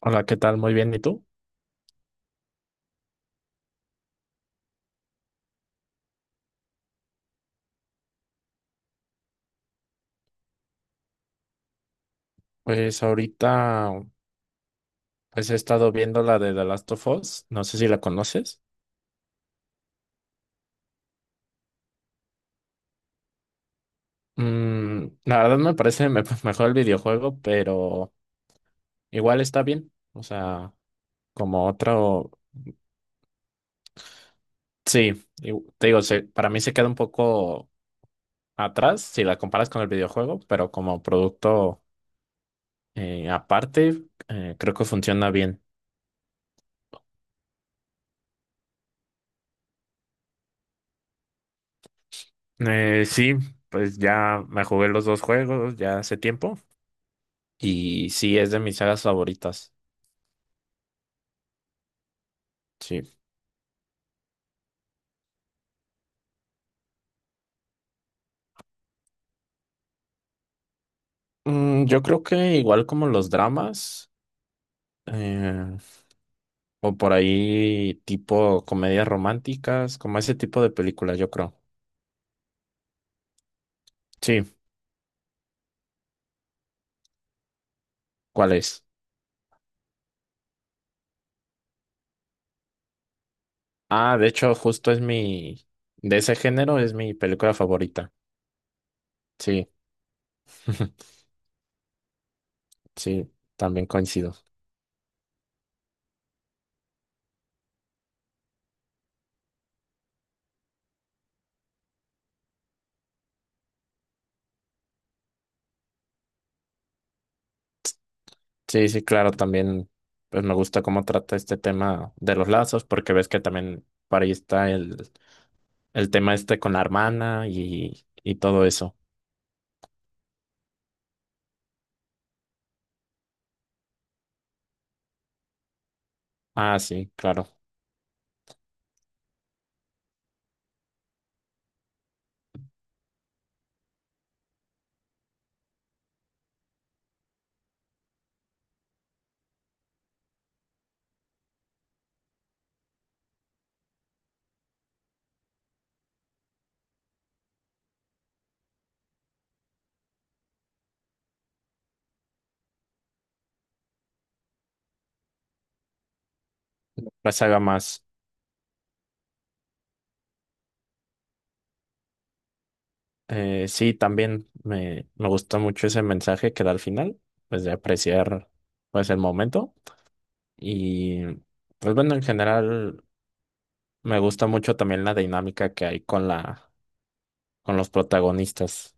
Hola, ¿qué tal? Muy bien, ¿y tú? Pues ahorita pues he estado viendo la de The Last of Us, no sé si la conoces. La verdad mejor el videojuego, pero igual está bien. O sea, como otro... Sí, y- te digo, para mí se queda un poco atrás si la comparas con el videojuego, pero como producto aparte, creo que funciona bien. Sí, pues ya me jugué los dos juegos ya hace tiempo y sí es de mis sagas favoritas. Sí. Yo creo que igual como los dramas, eh, o por ahí tipo comedias románticas, como ese tipo de películas, yo creo. Sí, ¿cuál es? Ah, de hecho, de ese género es mi película favorita. Sí, sí, también coincido. Sí, sí, claro, también, pues me gusta cómo trata este tema de los lazos, porque ves que también por ahí está el tema este con la hermana y todo eso. Ah, sí, claro. La saga más. Sí, también me gustó mucho ese mensaje que da al final, pues de apreciar pues el momento y pues bueno, en general me gusta mucho también la dinámica que hay con la con los protagonistas.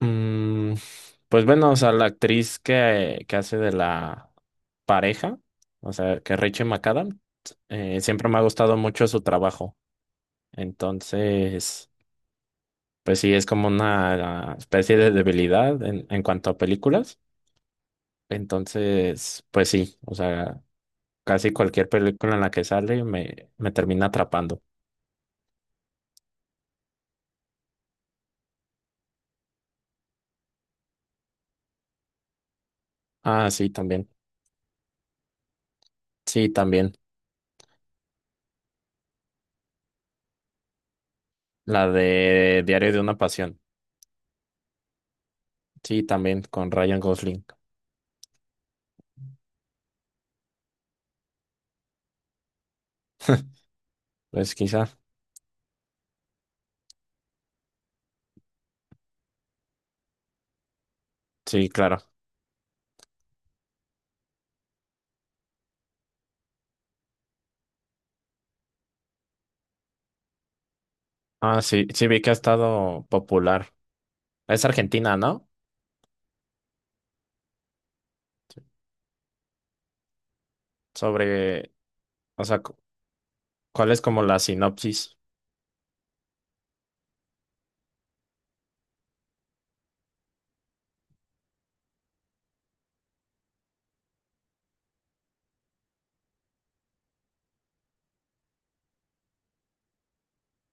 Mm, pues bueno, o sea, la actriz que hace de la pareja, o sea, que Rachel McAdams, siempre me ha gustado mucho su trabajo. Entonces, pues sí, es como una especie de debilidad en cuanto a películas. Entonces, pues sí, o sea, casi cualquier película en la que sale me termina atrapando. Ah, sí, también. Sí, también. La de Diario de una Pasión. Sí, también con Ryan Gosling. Pues quizá. Sí, claro. Ah, sí, sí vi que ha estado popular. Es Argentina, ¿no? Sobre, o sea, cu- ¿Cuál es como la sinopsis?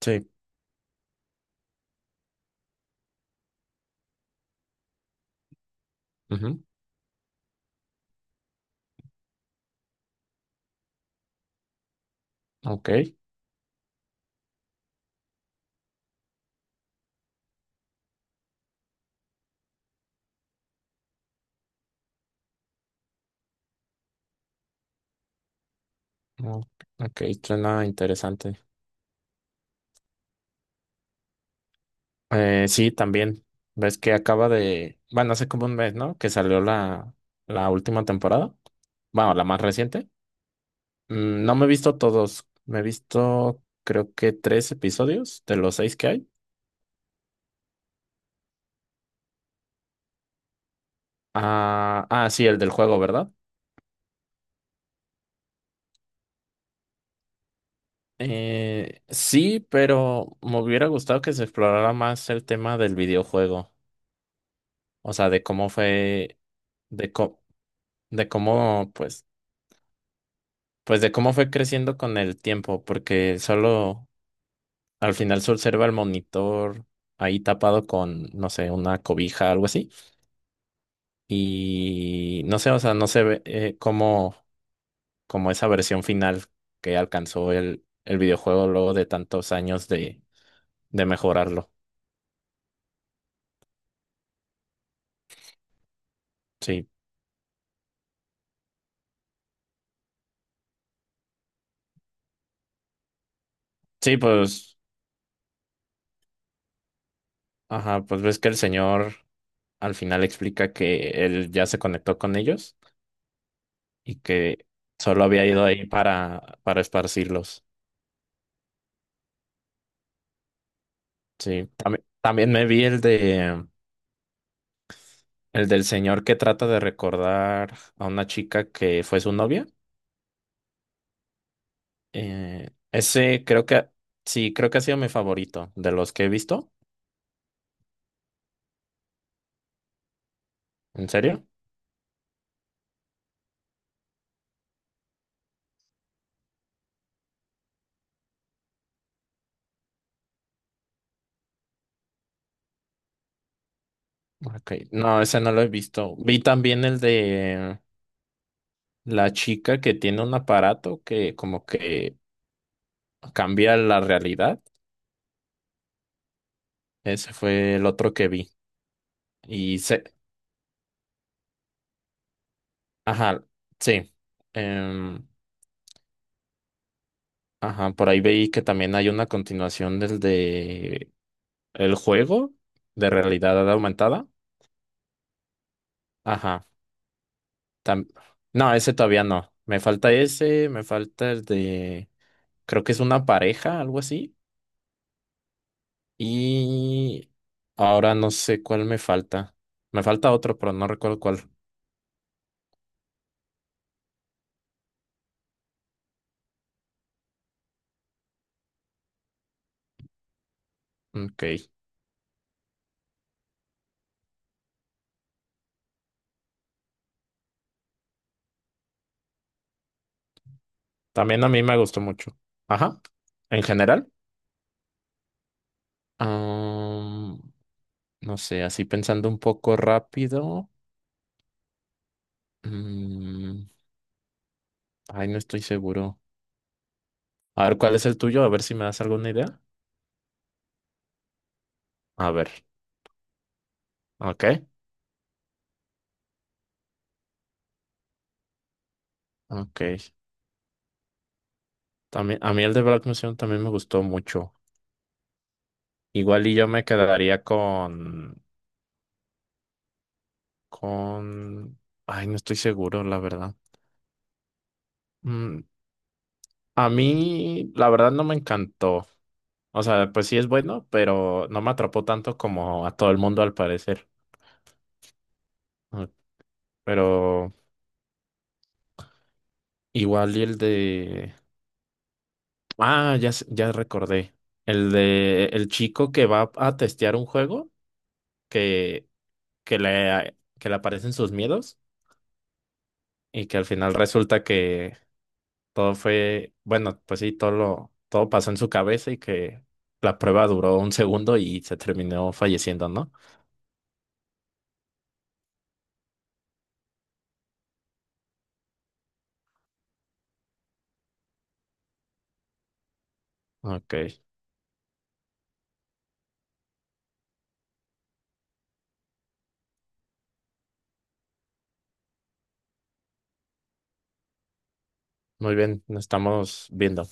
Sí. Ujú. Ok. Ok, ok, suena interesante. Sí, también. Ves que acaba de, bueno, hace como un mes, ¿no? Que salió la última temporada. Bueno, la más reciente. No me he visto todos. Me he visto, creo que tres episodios de los seis que hay. Ah, ah, sí, el del juego, ¿verdad? Sí, pero me hubiera gustado que se explorara más el tema del videojuego. O sea, de co- de cómo, pues, pues de cómo fue creciendo con el tiempo, porque solo al final se observa el monitor ahí tapado con, no sé, una cobija, algo así. Y no sé, o sea, no se ve como esa versión final que alcanzó el videojuego luego de tantos años de mejorarlo. Sí, sí, pues, ajá, pues ves que el señor al final explica que él ya se conectó con ellos y que solo había ido ahí para esparcirlos. Sí, también, también me vi el de... El del señor que trata de recordar a una chica que fue su novia. Eh, ese creo que, sí, creo que ha sido mi favorito de los que he visto. ¿En serio? Ok. No, ese no lo he visto. Vi también el de la chica que tiene un aparato que como que cambia la realidad. Ese fue el otro que vi. Y se, ajá, sí. Em, ajá, por ahí veí que también hay una continuación del de el juego de realidad aumentada. Ajá. tam- No, ese todavía no. Me falta ese, me falta el de... Creo que es una pareja, algo así. Y ahora no sé cuál me falta. Me falta otro, pero no recuerdo cuál. Ok. También a mí me gustó mucho. Ajá. En general. am, no sé, así pensando un poco rápido. mm, ay, no estoy seguro. A ver, ¿cuál es el tuyo? A ver si me das alguna idea. A ver. Ok. Ok. También, a mí el de Black Museum también me gustó mucho. Igual y yo me quedaría con, ay, no estoy seguro, la verdad. Mm, a mí, la verdad, no me encantó. O sea, pues sí es bueno, pero no me atrapó tanto como a todo el mundo al parecer. Mm. Pero igual y el de, ah, ya, ya recordé. El de el chico que va a testear un juego que, que le aparecen sus miedos. Y que al final resulta que todo fue, bueno, pues sí, todo pasó en su cabeza y que la prueba duró un segundo y se terminó falleciendo, ¿no? Ok, muy bien, nos estamos viendo.